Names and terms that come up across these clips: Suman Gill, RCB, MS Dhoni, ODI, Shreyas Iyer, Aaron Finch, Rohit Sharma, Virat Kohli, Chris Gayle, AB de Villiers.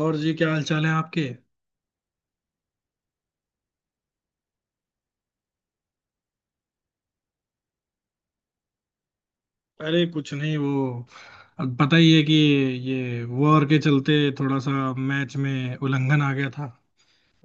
और जी, क्या हाल चाल है आपके। अरे कुछ नहीं, वो अब पता ही है कि ये वॉर के चलते थोड़ा सा मैच में उल्लंघन आ गया था।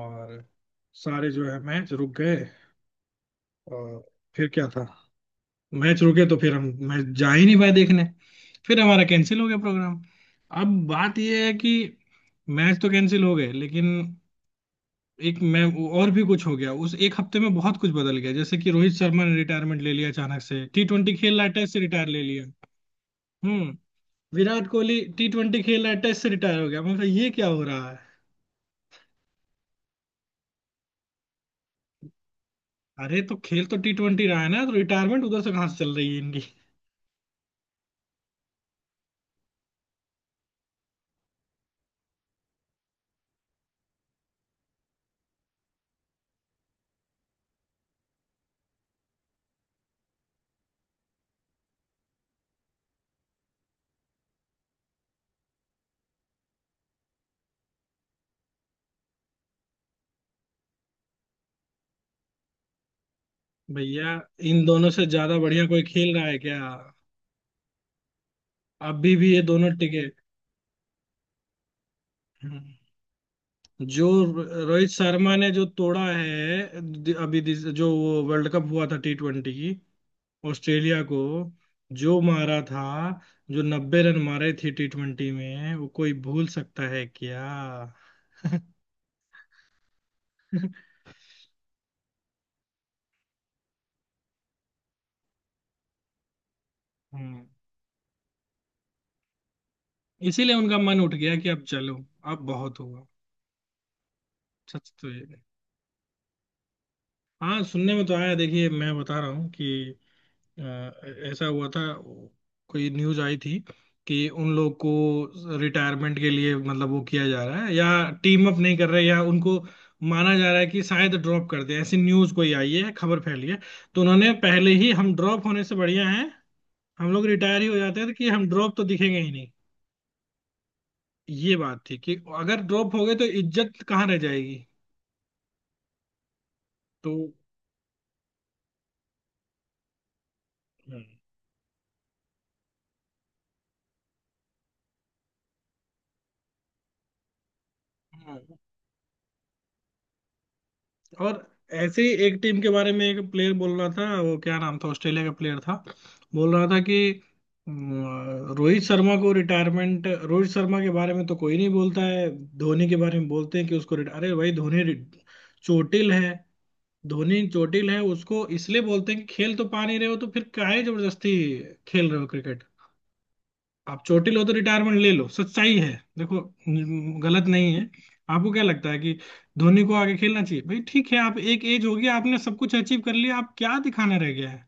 और सारे जो है मैच रुक गए। और फिर क्या था, मैच रुके तो फिर हम मैच जा ही नहीं पाए देखने। फिर हमारा कैंसिल हो गया प्रोग्राम। अब बात यह है कि मैच तो कैंसिल हो गए, लेकिन एक मैं और भी कुछ हो गया। उस एक हफ्ते में बहुत कुछ बदल गया, जैसे कि रोहित शर्मा ने रिटायरमेंट ले लिया, अचानक से। टी ट्वेंटी खेल रहा है, टेस्ट से रिटायर ले लिया। हम्म। विराट कोहली टी ट्वेंटी खेल रहा है, टेस्ट से रिटायर हो गया, मैं ये क्या हो रहा है। अरे, तो खेल तो टी ट्वेंटी रहा है ना, तो रिटायरमेंट उधर से कहाँ से चल रही है इनकी। भैया, इन दोनों से ज्यादा बढ़िया कोई खेल रहा है क्या? अभी भी ये दोनों टिके। हम्म। जो रोहित शर्मा ने जो तोड़ा है जो वो वर्ल्ड कप हुआ था टी ट्वेंटी, ऑस्ट्रेलिया को जो मारा था, जो 90 रन मारे थे टी ट्वेंटी में, वो कोई भूल सकता है क्या? हम्म। इसीलिए उनका मन उठ गया कि अब चलो, अब बहुत हुआ। सच तो ये है, हाँ सुनने में तो आया, देखिए मैं बता रहा हूँ कि अ, ऐसा हुआ था। कोई न्यूज आई थी कि उन लोग को रिटायरमेंट के लिए मतलब वो किया जा रहा है, या टीम अप नहीं कर रहे, या उनको माना जा रहा है कि शायद ड्रॉप कर दे, ऐसी न्यूज कोई आई है, खबर फैली है। तो उन्होंने पहले ही, हम ड्रॉप होने से बढ़िया है हम लोग रिटायर ही हो जाते हैं, तो कि हम ड्रॉप तो दिखेंगे ही नहीं। ये बात थी कि अगर ड्रॉप हो गए तो इज्जत कहाँ रह जाएगी। तो हम्म। और ऐसे ही एक टीम के बारे में एक प्लेयर बोल रहा था, वो क्या नाम था, ऑस्ट्रेलिया का प्लेयर था। बोल रहा था कि अम, रोहित शर्मा को रिटायरमेंट, रोहित शर्मा के बारे में तो कोई नहीं बोलता है। धोनी के बारे में बोलते हैं कि उसको अरे भाई, धोनी चोटिल है। धोनी चोटिल है, उसको इसलिए बोलते हैं कि खेल तो पा नहीं रहे हो, तो फिर काहे जबरदस्ती खेल रहे हो। आप चोटिल हो तो रिटायरमेंट ले लो, सच्चाई है। देखो, गलत नहीं है। आपको क्या लगता है कि धोनी को आगे खेलना चाहिए? भाई ठीक है, आप एक एज हो गई, आपने सब कुछ अचीव कर लिया, आप क्या दिखाना रह गया है।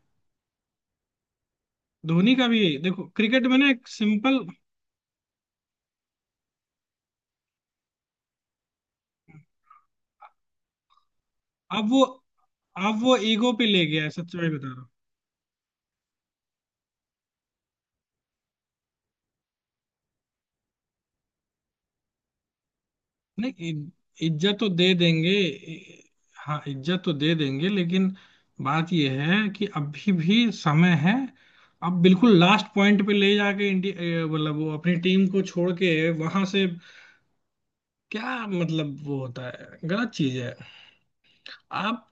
धोनी का भी यही, देखो क्रिकेट में ना एक सिंपल। अब वो अब वो ईगो पे ले गया है, सच्चाई बता। नहीं, इज्जत तो दे देंगे। इ- हाँ, इज्जत तो दे देंगे, लेकिन बात यह है कि अभी भी समय है। अब बिल्कुल लास्ट पॉइंट पे ले जाके इंडिया, मतलब वो अपनी टीम को छोड़ के वहां से, क्या मतलब वो होता है, गलत चीज है। आप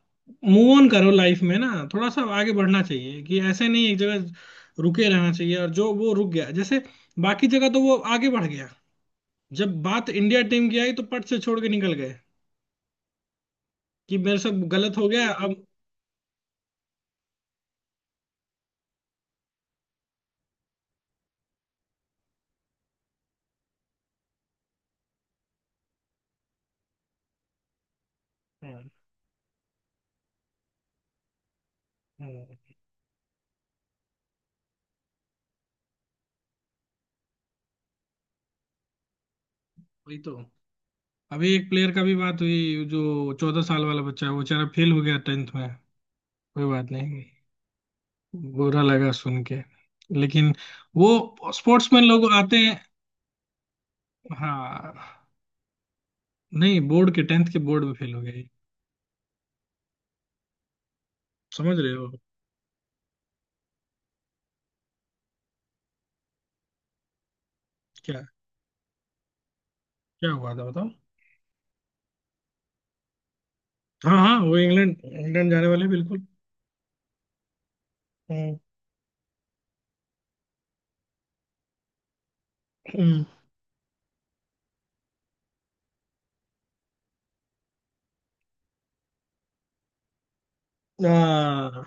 मूव ऑन करो लाइफ में, ना थोड़ा सा आगे बढ़ना चाहिए, कि ऐसे नहीं एक जगह रुके रहना चाहिए, और जो वो रुक गया जैसे बाकी जगह तो वो आगे बढ़ गया, जब बात इंडिया टीम की आई तो पट से छोड़ के निकल गए, कि मेरे से गलत हो गया अब। हम्म, हम्म। वही तो। अभी एक प्लेयर का भी बात हुई, जो 14 साल वाला बच्चा है, वो बेचारा फेल हो गया टेंथ में। कोई बात नहीं, बुरा लगा सुन के, लेकिन वो स्पोर्ट्समैन लोग आते हैं। हाँ, नहीं बोर्ड के, टेंथ के बोर्ड में फेल हो गए। समझ रहे हो। क्या? क्या हुआ था बताओ। हाँ हाँ, वो इंग्लैंड इंग्लैंड जाने वाले हैं, बिल्कुल। हम्म। हम्म। आ,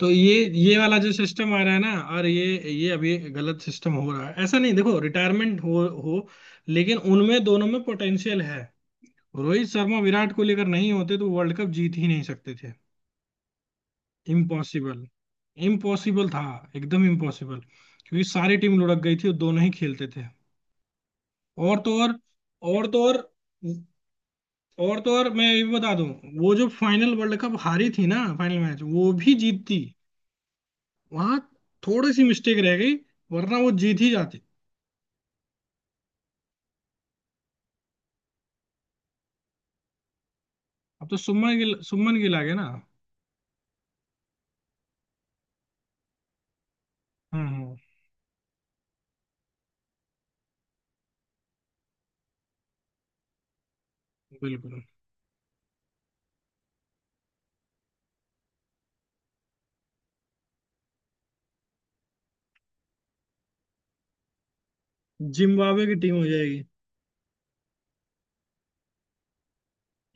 तो ये वाला जो सिस्टम आ रहा है ना, और ये अभी गलत सिस्टम हो रहा है। ऐसा नहीं, देखो रिटायरमेंट हो, लेकिन उनमें दोनों में पोटेंशियल है। रोहित शर्मा, विराट कोहली अगर नहीं होते तो वर्ल्ड कप जीत ही नहीं सकते थे। इम्पॉसिबल, इम्पॉसिबल था, एकदम इम्पॉसिबल। क्योंकि सारी टीम लुढ़क गई थी और दोनों ही खेलते थे। और तो और और तो और और तो और मैं ये भी बता दूं, वो जो फाइनल वर्ल्ड कप हारी थी ना फाइनल मैच, वो भी जीतती, वहां थोड़ी सी मिस्टेक रह गई, वरना वो जीत ही जाती। अब तो सुमन गिल आ गए ना। हम्म हम्म। बिल्कुल। जिम्बाब्वे की टीम हो जाएगी।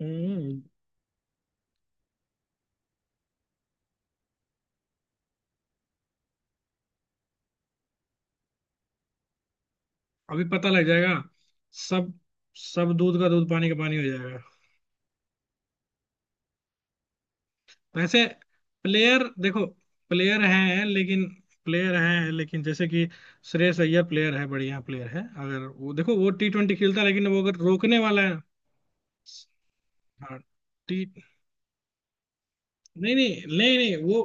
हम्म। अभी पता लग जाएगा। सब, सब दूध का दूध पानी का पानी हो जाएगा। वैसे प्लेयर देखो, प्लेयर हैं लेकिन प्लेयर हैं लेकिन जैसे कि श्रेयस अय्यर प्लेयर है, बढ़िया प्लेयर है। अगर वो देखो वो टी ट्वेंटी खेलता है, लेकिन वो अगर रोकने वाला है। हाँ। नहीं नहीं नहीं नहीं, वो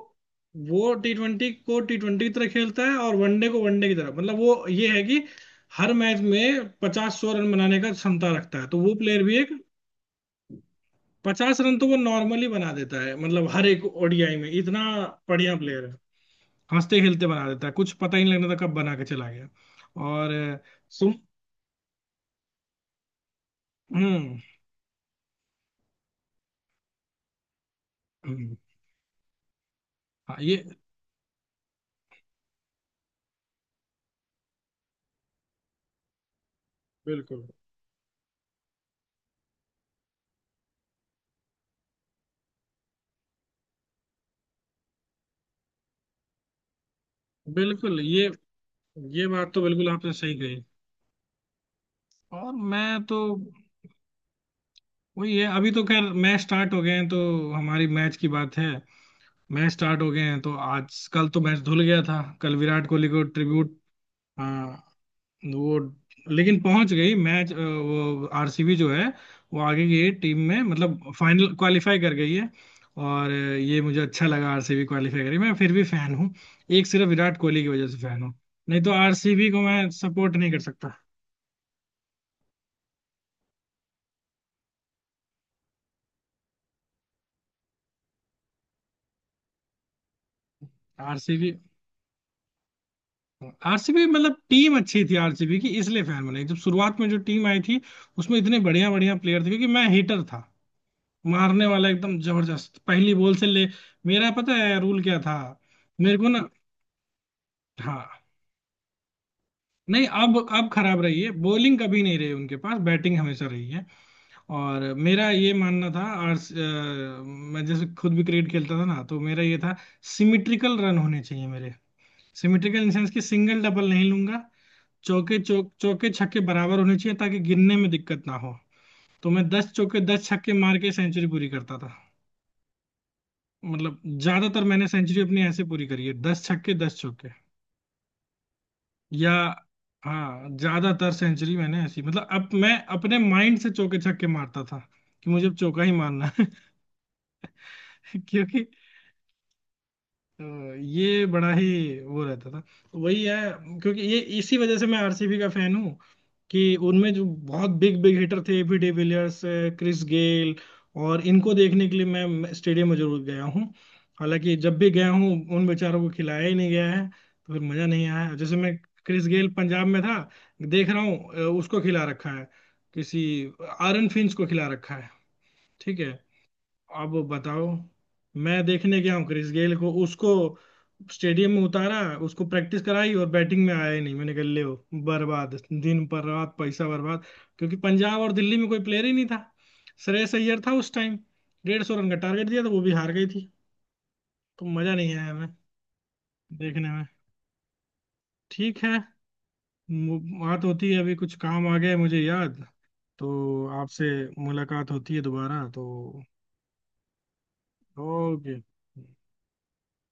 वो टी ट्वेंटी को टी ट्वेंटी की तरह खेलता है, और वनडे को वनडे की तरह, मतलब वो ये है कि हर मैच में पचास सौ रन बनाने का क्षमता रखता है, तो वो प्लेयर भी एक। 50 रन तो वो नॉर्मली बना देता है, मतलब हर एक ओडीआई में इतना। बढ़िया प्लेयर है। हंसते खेलते बना देता है, कुछ पता ही नहीं लगता था कब बना के चला गया। और सुम हम्म हम्म। हाँ, ये बिल्कुल बिल्कुल, ये बात तो बिल्कुल आपने सही कही। और मैं तो वही है, अभी तो खैर मैच स्टार्ट हो गए हैं तो हमारी मैच की बात है। मैच स्टार्ट हो गए हैं तो आज कल तो मैच धुल गया था, कल विराट कोहली को ट्रिब्यूट। हाँ, वो लेकिन पहुंच गई मैच, वो आरसीबी जो है वो आगे की टीम में, मतलब फाइनल क्वालिफाई कर गई है। और ये मुझे अच्छा लगा, आरसीबी क्वालिफाई करी, मैं फिर भी फैन हूँ। एक सिर्फ विराट कोहली की वजह से फैन हूँ। नहीं तो आरसीबी को मैं सपोर्ट नहीं कर सकता। आरसीबी आरसीबी मतलब टीम अच्छी थी आरसीबी की, इसलिए फैन बने, जब शुरुआत में जो टीम आई थी उसमें इतने बढ़िया बढ़िया प्लेयर थे, क्योंकि मैं हिटर था, मारने वाला एकदम जबरदस्त पहली बॉल से ले। मेरा पता है रूल क्या था, मेरे को ना, हाँ नहीं, अब खराब रही है बॉलिंग, कभी नहीं रही, उनके पास बैटिंग हमेशा रही है। और मेरा ये मानना था, और मैं जैसे खुद भी क्रिकेट खेलता था ना, तो मेरा ये था सिमिट्रिकल रन होने चाहिए मेरे। सिमिट्रिकल इन सेंस कि सिंगल डबल नहीं लूंगा, चौके चौके छक्के बराबर होने चाहिए, ताकि गिनने में दिक्कत ना हो। तो मैं 10 चौके 10 छक्के मार के सेंचुरी पूरी करता था। मतलब ज्यादातर मैंने सेंचुरी अपनी ऐसे पूरी करी है, 10 छक्के 10 चौके, या, हाँ ज्यादातर सेंचुरी मैंने ऐसी, मतलब अब मैं अपने माइंड से चौके छक्के मारता था, कि मुझे अब चौका ही मारना है। क्योंकि ये बड़ा ही वो रहता था, तो वही है, क्योंकि ये इसी वजह से मैं आरसीबी का फैन हूँ। कि उनमें जो बहुत बिग बिग हिटर थे, एबी डिविलियर्स, क्रिस गेल, और इनको देखने के लिए मैं स्टेडियम में जरूर गया हूँ। हालांकि जब भी गया हूँ, उन बेचारों को खिलाया ही नहीं गया है, तो फिर मजा नहीं आया। जैसे मैं क्रिस गेल पंजाब में था, देख रहा हूँ उसको खिला रखा है, किसी आरन फिंच को खिला रखा है, ठीक है। अब बताओ, मैं देखने गया हूँ क्रिस गेल को, उसको स्टेडियम में उतारा, उसको प्रैक्टिस कराई, और बैटिंग में आया ही नहीं। मैंने कहा ले हो, बर्बाद दिन पर रात, पैसा बर्बाद। क्योंकि पंजाब और दिल्ली में कोई प्लेयर ही नहीं था, श्रेयस अय्यर था उस टाइम। 150 रन का टारगेट दिया था, वो भी हार गई थी। तो मजा नहीं आया हमें देखने में, ठीक है। बात होती है, अभी कुछ काम आ गया है मुझे याद, तो आपसे मुलाकात होती है दोबारा, तो ओके।